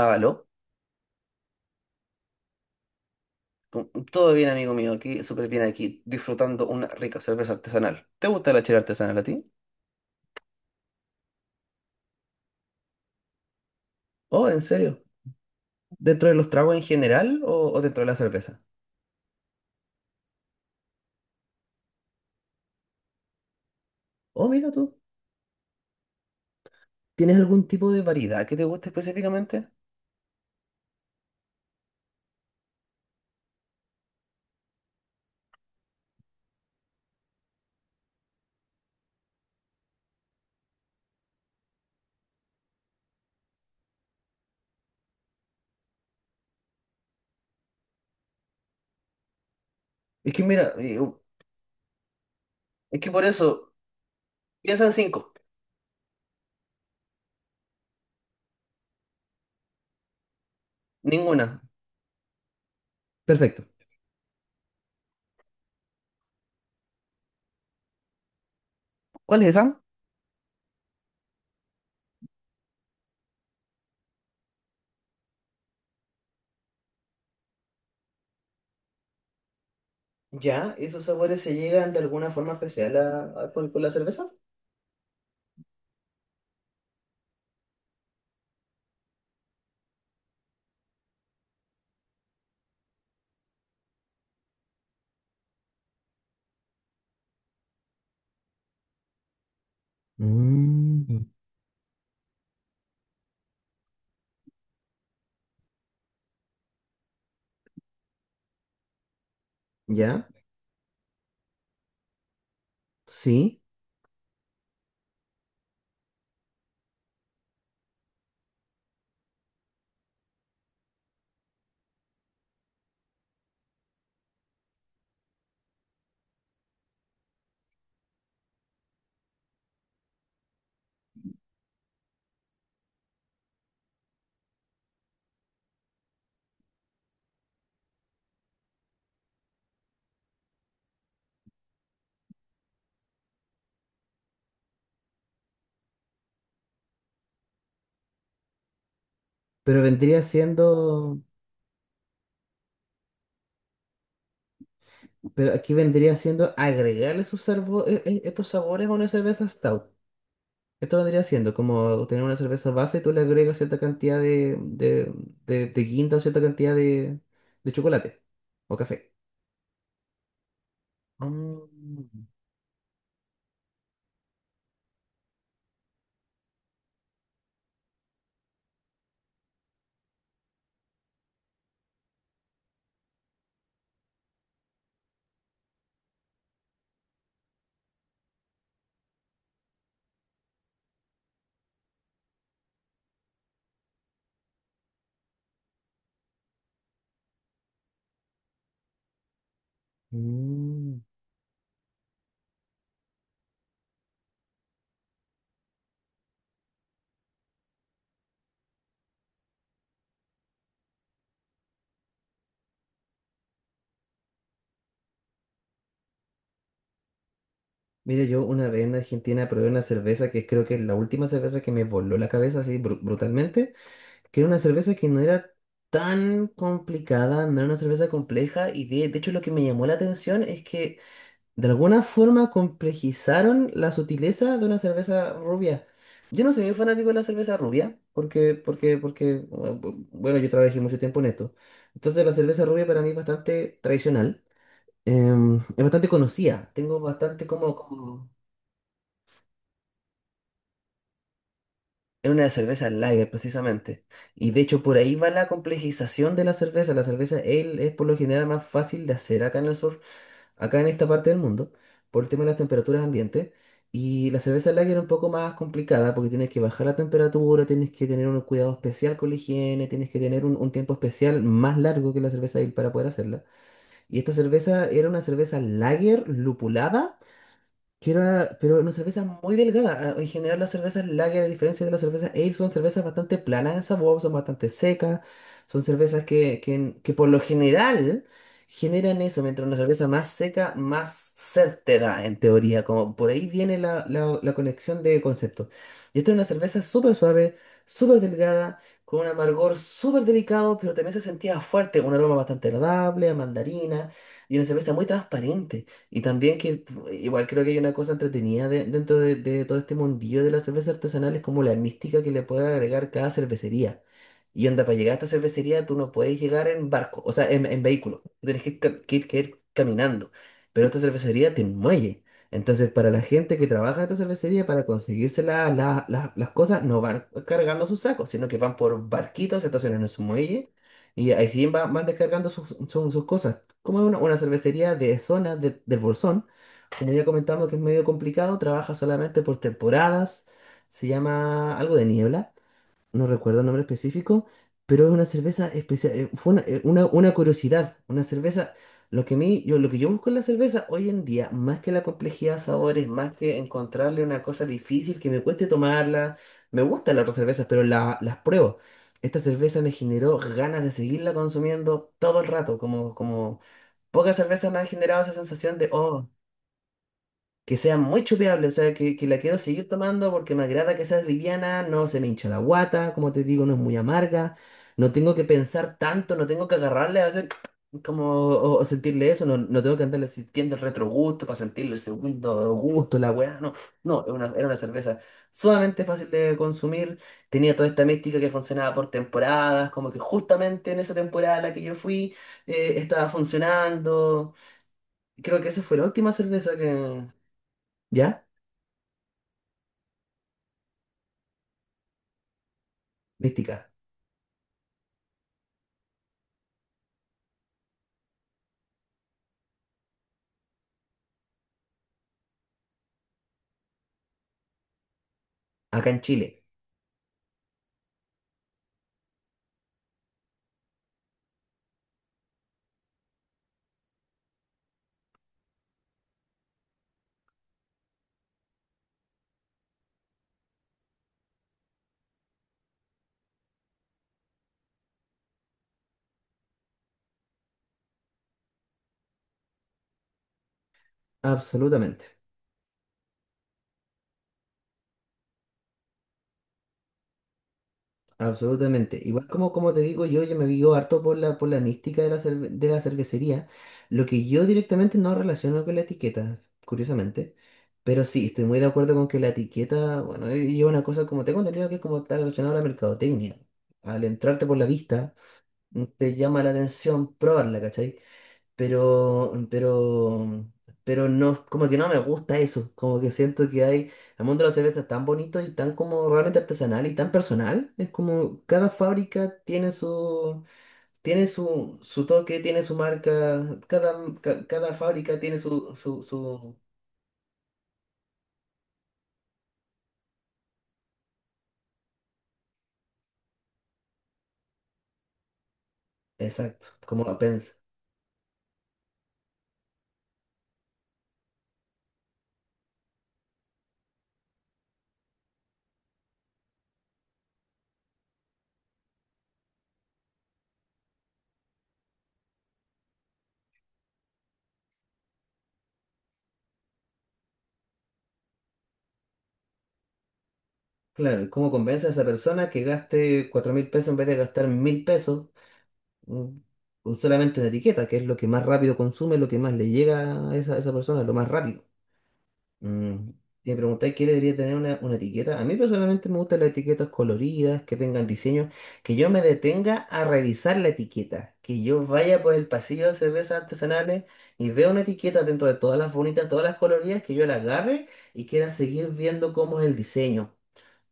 Aló, todo bien amigo mío, aquí súper bien aquí, disfrutando una rica cerveza artesanal. ¿Te gusta la chela artesanal a ti? Oh, ¿en serio? ¿Dentro de los tragos en general o dentro de la cerveza? Oh, mira tú, ¿tienes algún tipo de variedad que te guste específicamente? Es que mira, es que por eso, piensa en cinco, ninguna. Perfecto. ¿Cuál es esa? Ya, ¿esos sabores se llegan de alguna forma especial con la cerveza? Mm, ya, sí, pero vendría siendo, pero aquí vendría siendo agregarle sus sarbo- e- e- estos sabores a una cerveza stout. Esto vendría siendo como tener una cerveza base y tú le agregas cierta cantidad de guinda o cierta cantidad de chocolate o café. Mm, mm. Mira, yo una vez en Argentina probé una cerveza que creo que es la última cerveza que me voló la cabeza así brutalmente, que era una cerveza que no era tan complicada, no era una cerveza compleja y de hecho lo que me llamó la atención es que de alguna forma complejizaron la sutileza de una cerveza rubia. Yo no soy muy fanático de la cerveza rubia, porque, bueno, yo trabajé mucho tiempo en esto. Entonces la cerveza rubia para mí es bastante tradicional, es bastante conocida, tengo bastante como. Es una cerveza lager precisamente. Y de hecho por ahí va la complejización de la cerveza. La cerveza ale es por lo general más fácil de hacer acá en el sur, acá en esta parte del mundo, por el tema de las temperaturas ambiente. Y la cerveza lager es un poco más complicada porque tienes que bajar la temperatura, tienes que tener un cuidado especial con la higiene, tienes que tener un tiempo especial más largo que la cerveza ale para poder hacerla. Y esta cerveza era una cerveza lager lupulada pero una cerveza muy delgada. Ah, en general, las cervezas lager, a diferencia de las cervezas ale, son cervezas bastante planas en sabor, son bastante secas, son cervezas que por lo general generan eso, mientras una cerveza más seca, más sed te da, en teoría. Como por ahí viene la conexión de conceptos. Y esta es una cerveza súper suave, súper delgada, con un amargor súper delicado, pero también se sentía fuerte, un aroma bastante agradable, a mandarina, y una cerveza muy transparente. Y también que igual creo que hay una cosa entretenida dentro de todo este mundillo de la cerveza artesanal, es como la mística que le puede agregar cada cervecería. Y onda, para llegar a esta cervecería tú no puedes llegar en barco, o sea, en vehículo. Tú tienes que ir caminando. Pero esta cervecería tiene un muelle. Entonces, para la gente que trabaja en esta cervecería, para conseguirse las cosas, no van cargando sus sacos, sino que van por barquitos, se estacionan en su muelle y ahí sí van descargando sus cosas. Como es una cervecería de zona del Bolsón, como ya comentamos que es medio complicado, trabaja solamente por temporadas, se llama algo de niebla, no recuerdo el nombre específico, pero es una cerveza especial, fue una, una curiosidad, una cerveza, lo que yo busco en la cerveza hoy en día, más que la complejidad de sabores, más que encontrarle una cosa difícil que me cueste tomarla, me gustan las otras cervezas, pero las pruebo. Esta cerveza me generó ganas de seguirla consumiendo todo el rato, como pocas cervezas me han generado esa sensación de, oh, que sea muy chupeable, o sea, que la quiero seguir tomando porque me agrada que sea liviana, no se me hincha la guata, como te digo, no es muy amarga, no tengo que pensar tanto, no tengo que agarrarle a hacer como, o sentirle eso, no, no tengo que andarle sintiendo el retrogusto para sentirle el segundo gusto, la weá, no, no, era una cerveza sumamente fácil de consumir, tenía toda esta mística que funcionaba por temporadas, como que justamente en esa temporada a la que yo fui, estaba funcionando. Creo que esa fue la última cerveza que... ¿Ya? Mística. Acá en Chile. Absolutamente. Absolutamente. Igual como te digo, yo me guío harto por la, mística de la cervecería. Lo que yo directamente no relaciono con la etiqueta, curiosamente. Pero sí, estoy muy de acuerdo con que la etiqueta, bueno, lleva una cosa como tengo entendido que es como está relacionado a la mercadotecnia. Al entrarte por la vista, te llama la atención probarla, ¿cachai? pero, pero, pero, no, como que no me gusta eso, como que siento que hay, el mundo de la cerveza es tan bonito y tan como realmente artesanal y tan personal, es como cada fábrica tiene su toque, tiene su marca, cada fábrica tiene su. Exacto, como la pensa. Claro, y ¿cómo convence a esa persona que gaste $4.000 en vez de gastar $1.000? Mm, con solamente una etiqueta, que es lo que más rápido consume, lo que más le llega a esa persona, lo más rápido. Mm, Si me preguntáis qué debería tener una etiqueta, a mí personalmente me gustan las etiquetas coloridas, que tengan diseño, que yo me detenga a revisar la etiqueta, que yo vaya por el pasillo de cervezas artesanales y vea una etiqueta dentro de todas las bonitas, todas las coloridas, que yo la agarre y quiera seguir viendo cómo es el diseño.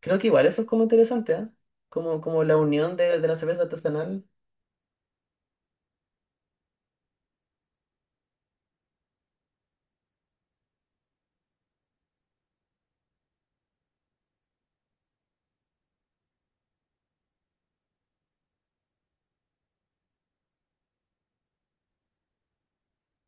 Creo que igual eso es como interesante, ¿ah? Como la unión de la cerveza artesanal.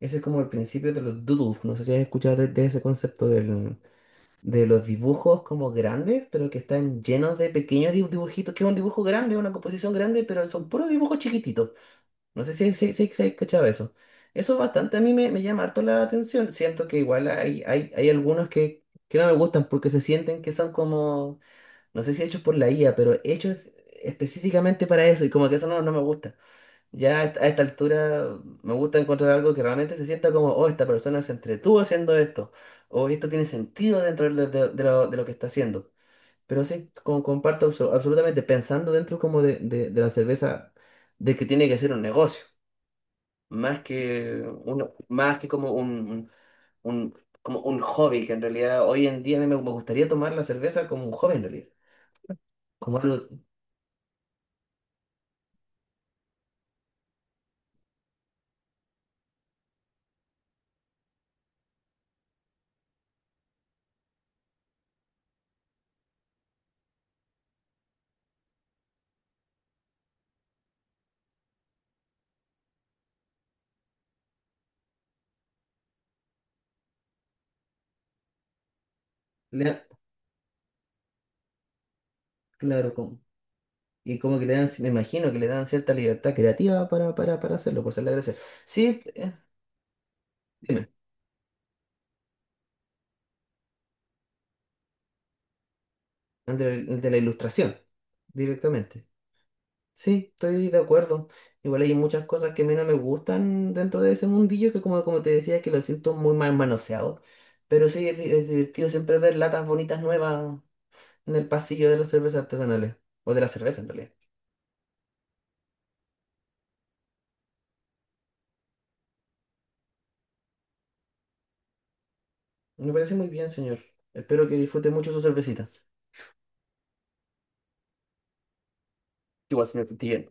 Ese es como el principio de los doodles. No sé si has escuchado de ese concepto de los dibujos como grandes, pero que están llenos de pequeños dibujitos, que es un dibujo grande, una composición grande, pero son puros dibujos chiquititos. No sé si has cachado eso. Eso bastante a mí me llama harto la atención. Siento que igual hay algunos que no me gustan porque se sienten que son como, no sé si hechos por la IA, pero hechos específicamente para eso y como que eso no, no me gusta. Ya a esta altura me gusta encontrar algo que realmente se sienta como, oh, esta persona se entretuvo haciendo esto, o esto tiene sentido dentro de lo que está haciendo. Pero sí, como comparto absolutamente, pensando dentro como de la cerveza, de que tiene que ser un negocio, más que como un, un- como un hobby, que en realidad hoy en día a mí me gustaría tomar la cerveza como un hobby en realidad. Como algo, le- claro. Y como que le dan, me imagino que le dan cierta libertad creativa para hacerlo, pues esa es la gracia. Sí, dime, el de la ilustración, directamente. Sí, estoy de acuerdo. Igual hay muchas cosas que a mí no me gustan dentro de ese mundillo, que como te decía, que lo siento muy mal manoseado. Pero sí, es divertido siempre ver latas bonitas nuevas en el pasillo de las cervezas artesanales, o de la cerveza en realidad. Me parece muy bien, señor. Espero que disfrute mucho su cervecita. Igual, señor Cutilla.